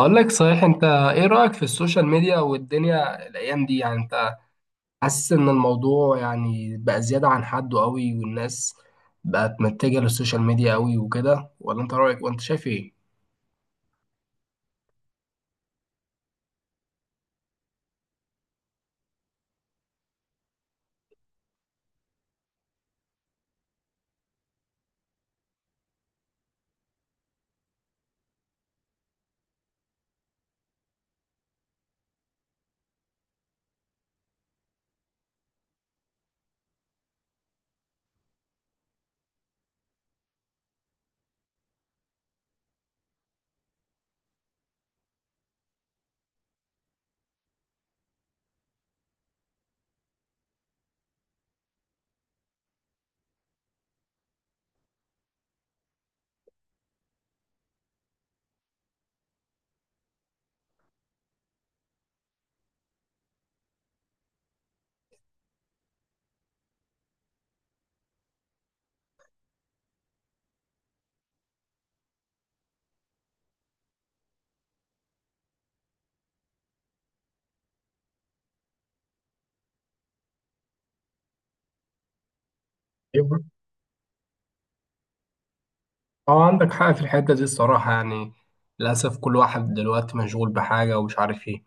اقول لك، صحيح، انت ايه رأيك في السوشيال ميديا والدنيا الايام دي؟ يعني انت حاسس ان الموضوع يعني بقى زيادة عن حده قوي، والناس بقت متجهة للسوشيال ميديا قوي وكده، ولا انت رأيك وانت شايف ايه؟ أيوة. اه، عندك حق في الحتة دي الصراحة، يعني للأسف كل واحد دلوقتي مشغول بحاجة ومش عارف ايه.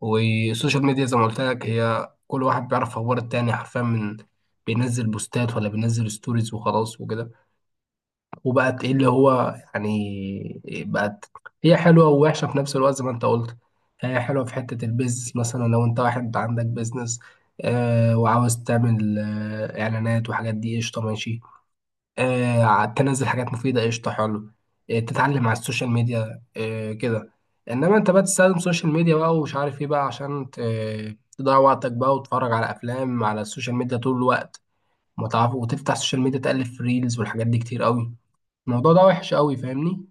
والسوشيال ميديا زي ما قلت لك، هي كل واحد بيعرف اخبار التاني حرفيا من بينزل بوستات ولا بينزل ستوريز وخلاص وكده. وبقت ايه اللي هو يعني بقت هي حلوه ووحشه في نفس الوقت زي ما انت قلت. هي حلوه في حته البيزنس، مثلا لو انت واحد عندك بيزنس وعاوز تعمل اعلانات وحاجات دي، قشطه ماشي. تنزل حاجات مفيده، قشطه حلو. تتعلم على السوشيال ميديا كده. انما انت بقى تستخدم سوشيال ميديا بقى ومش عارف ايه بقى عشان تضيع وقتك بقى وتتفرج على افلام على السوشيال ميديا طول الوقت، متعرف، وتفتح السوشيال ميديا تقلب في ريلز والحاجات دي كتير قوي. الموضوع ده وحش قوي، فاهمني؟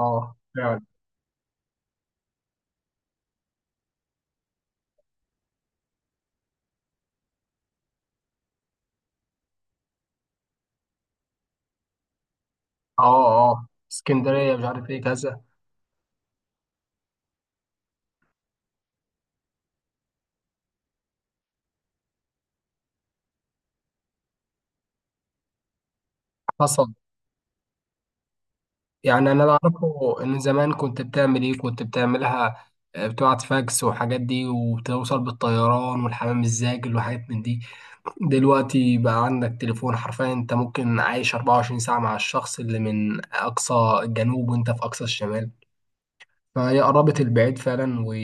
اه، فعلا. اه، اه، اسكندرية مش عارف ايه كذا. حصل. يعني انا اللي اعرفه ان زمان كنت بتعمل ايه، كنت بتعملها، بتقعد فاكس والحاجات دي، وبتوصل بالطيران والحمام الزاجل وحاجات من دي. دلوقتي بقى عندك تليفون، حرفيا انت ممكن عايش 24 ساعة مع الشخص اللي من اقصى الجنوب وانت في اقصى الشمال. فهي قربت البعيد فعلا، و...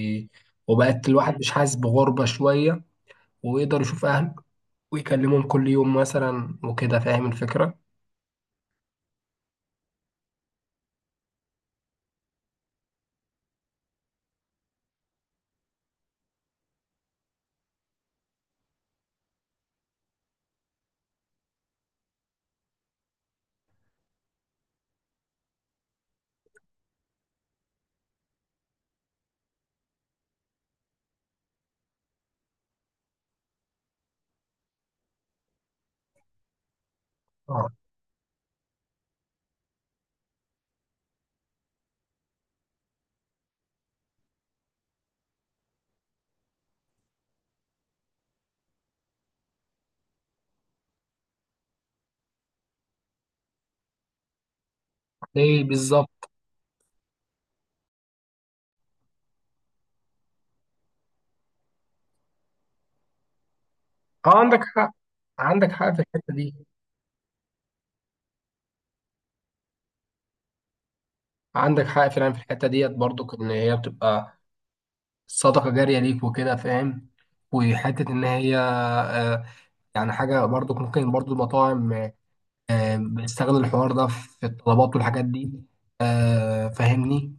وبقت الواحد مش حاسس بغربة شوية، ويقدر يشوف اهله ويكلمهم كل يوم مثلا وكده. فاهم الفكرة؟ اه. ليه بالظبط. اه، عندك حق. عندك حق في الحتة دي. عندك حق فعلا في الحتة ديت، برضو ان هي بتبقى صدقة جارية ليك وكده، فاهم. وحتة ان هي، يعني حاجة، برضو ممكن برضو المطاعم بتستغل الحوار ده في الطلبات والحاجات دي، فاهمني.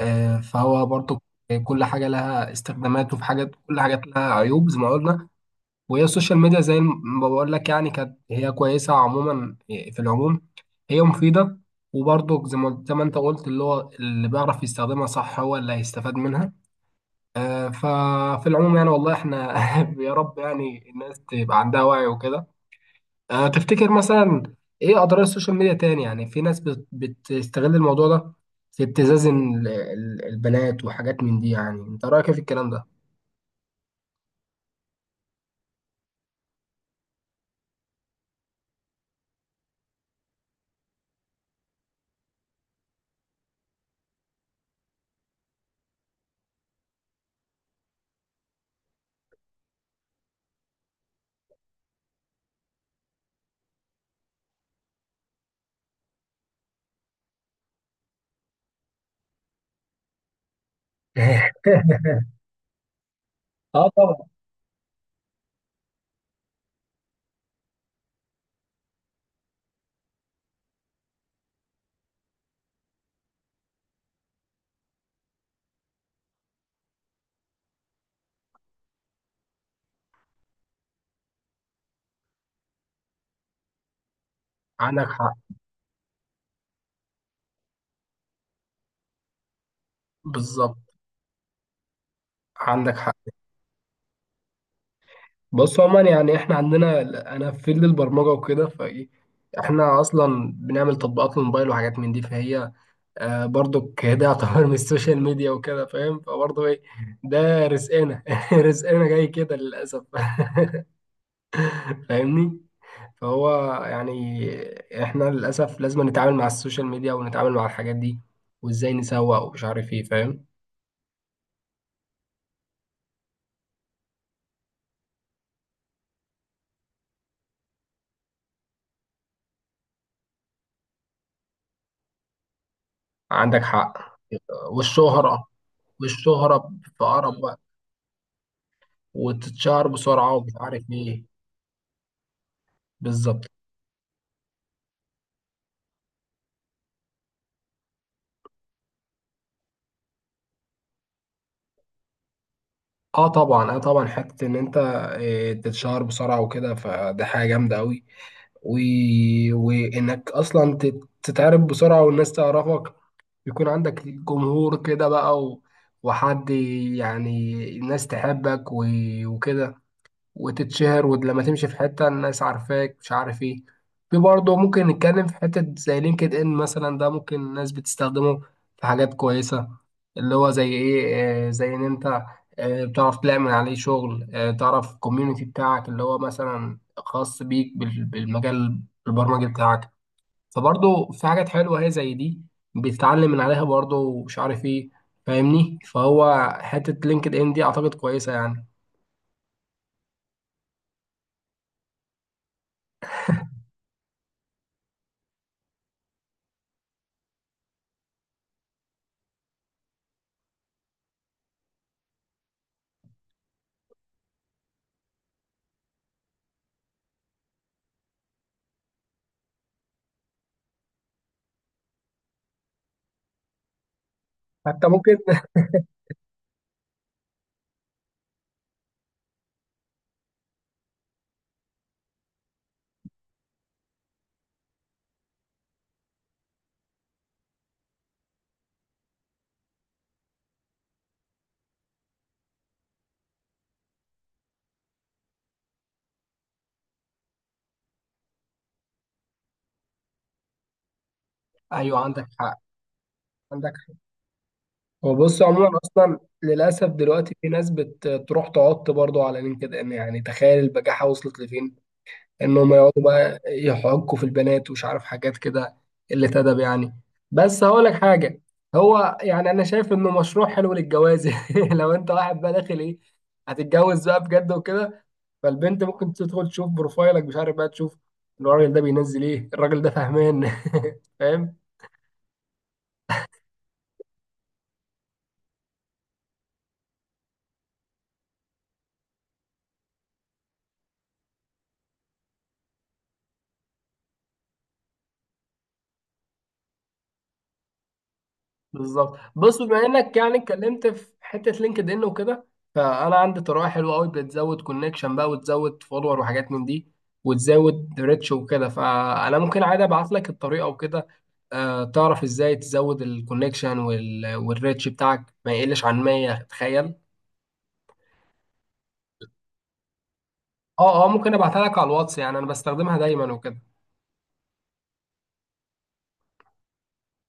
فهو برضو كل حاجة لها استخدامات، وفي حاجات، كل حاجات لها عيوب زي ما قلنا. وهي السوشيال ميديا زي ما بقول لك، يعني كانت هي كويسة عموما، في العموم هي مفيدة. وبرضه زي ما انت قلت، اللي هو اللي بيعرف يستخدمها صح هو اللي هيستفاد منها. ففي العموم يعني، والله احنا يا رب يعني الناس تبقى عندها وعي وكده. تفتكر مثلا ايه اضرار السوشيال ميديا تاني؟ يعني في ناس بتستغل الموضوع ده في ابتزاز البنات وحاجات من دي، يعني انت رأيك ايه في الكلام ده؟ اه، طبعا. عندك حق. بالظبط. عندك حق. بص، عموما يعني احنا عندنا، انا في فيلد البرمجه وكده، فايه، احنا اصلا بنعمل تطبيقات للموبايل وحاجات من دي، فهي برضك ده يعتبر من السوشيال ميديا وكده، فاهم؟ فبرضه ايه، ده رزقنا، رزقنا جاي كده للاسف. فاهمني؟ فهو يعني احنا للاسف لازم نتعامل مع السوشيال ميديا ونتعامل مع الحاجات دي، وازاي نسوق ومش عارف ايه، فاهم؟ عندك حق. والشهره. والشهره في قرب، وتتشهر بسرعة ومش عارف ايه. بالظبط. اه طبعا، اه طبعا، حتة ان انت تتشهر بسرعة وكده، فده حاجة جامدة قوي. و... وانك اصلا تتعرف بسرعة والناس تعرفك، يكون عندك جمهور كده بقى، و... وحد، يعني الناس تحبك، و... وكده، وتتشهر، ولما تمشي في حتة الناس عارفاك، مش عارف ايه. في برضه ممكن نتكلم في حتة زي لينكد ان مثلا، ده ممكن الناس بتستخدمه في حاجات كويسة. اللي هو زي ايه؟ زي ان انت بتعرف تعمل عليه شغل، تعرف الكوميونتي بتاعك اللي هو مثلا خاص بيك بالمجال البرمجي بتاعك. فبرضه في حاجات حلوة هي زي دي، بتتعلم من عليها برضه ومش عارف ايه، فاهمني؟ فهو حتة لينكد ان دي اعتقد كويسة يعني. حتى ممكن ايوه، عندك حق. عندك حق. هو بص، عموما اصلا للاسف دلوقتي في ناس بتروح تعط برضو على لينكد ان، يعني تخيل البجاحه وصلت لفين، انهم يقعدوا بقى يحكوا في البنات ومش عارف حاجات كده. قله ادب يعني. بس هقول لك حاجه، هو يعني انا شايف انه مشروع حلو للجواز. لو انت واحد بقى داخل ايه، هتتجوز بقى بجد وكده، فالبنت ممكن تدخل تشوف بروفايلك، مش عارف بقى، تشوف الراجل ده بينزل ايه، الراجل ده فهمان. فاهم؟ بالظبط. بص، بما انك يعني اتكلمت في حته لينكد ان وكده، فانا عندي طريقه حلوه قوي بتزود كونكشن بقى، وتزود فولور وحاجات من دي، وتزود ريتش وكده. فانا ممكن عادي ابعت لك الطريقه وكده، آه تعرف ازاي تزود الكونكشن والريتش بتاعك ما يقلش عن 100، تخيل. اه اه، ممكن ابعتها لك على الواتس، يعني انا بستخدمها دايما وكده.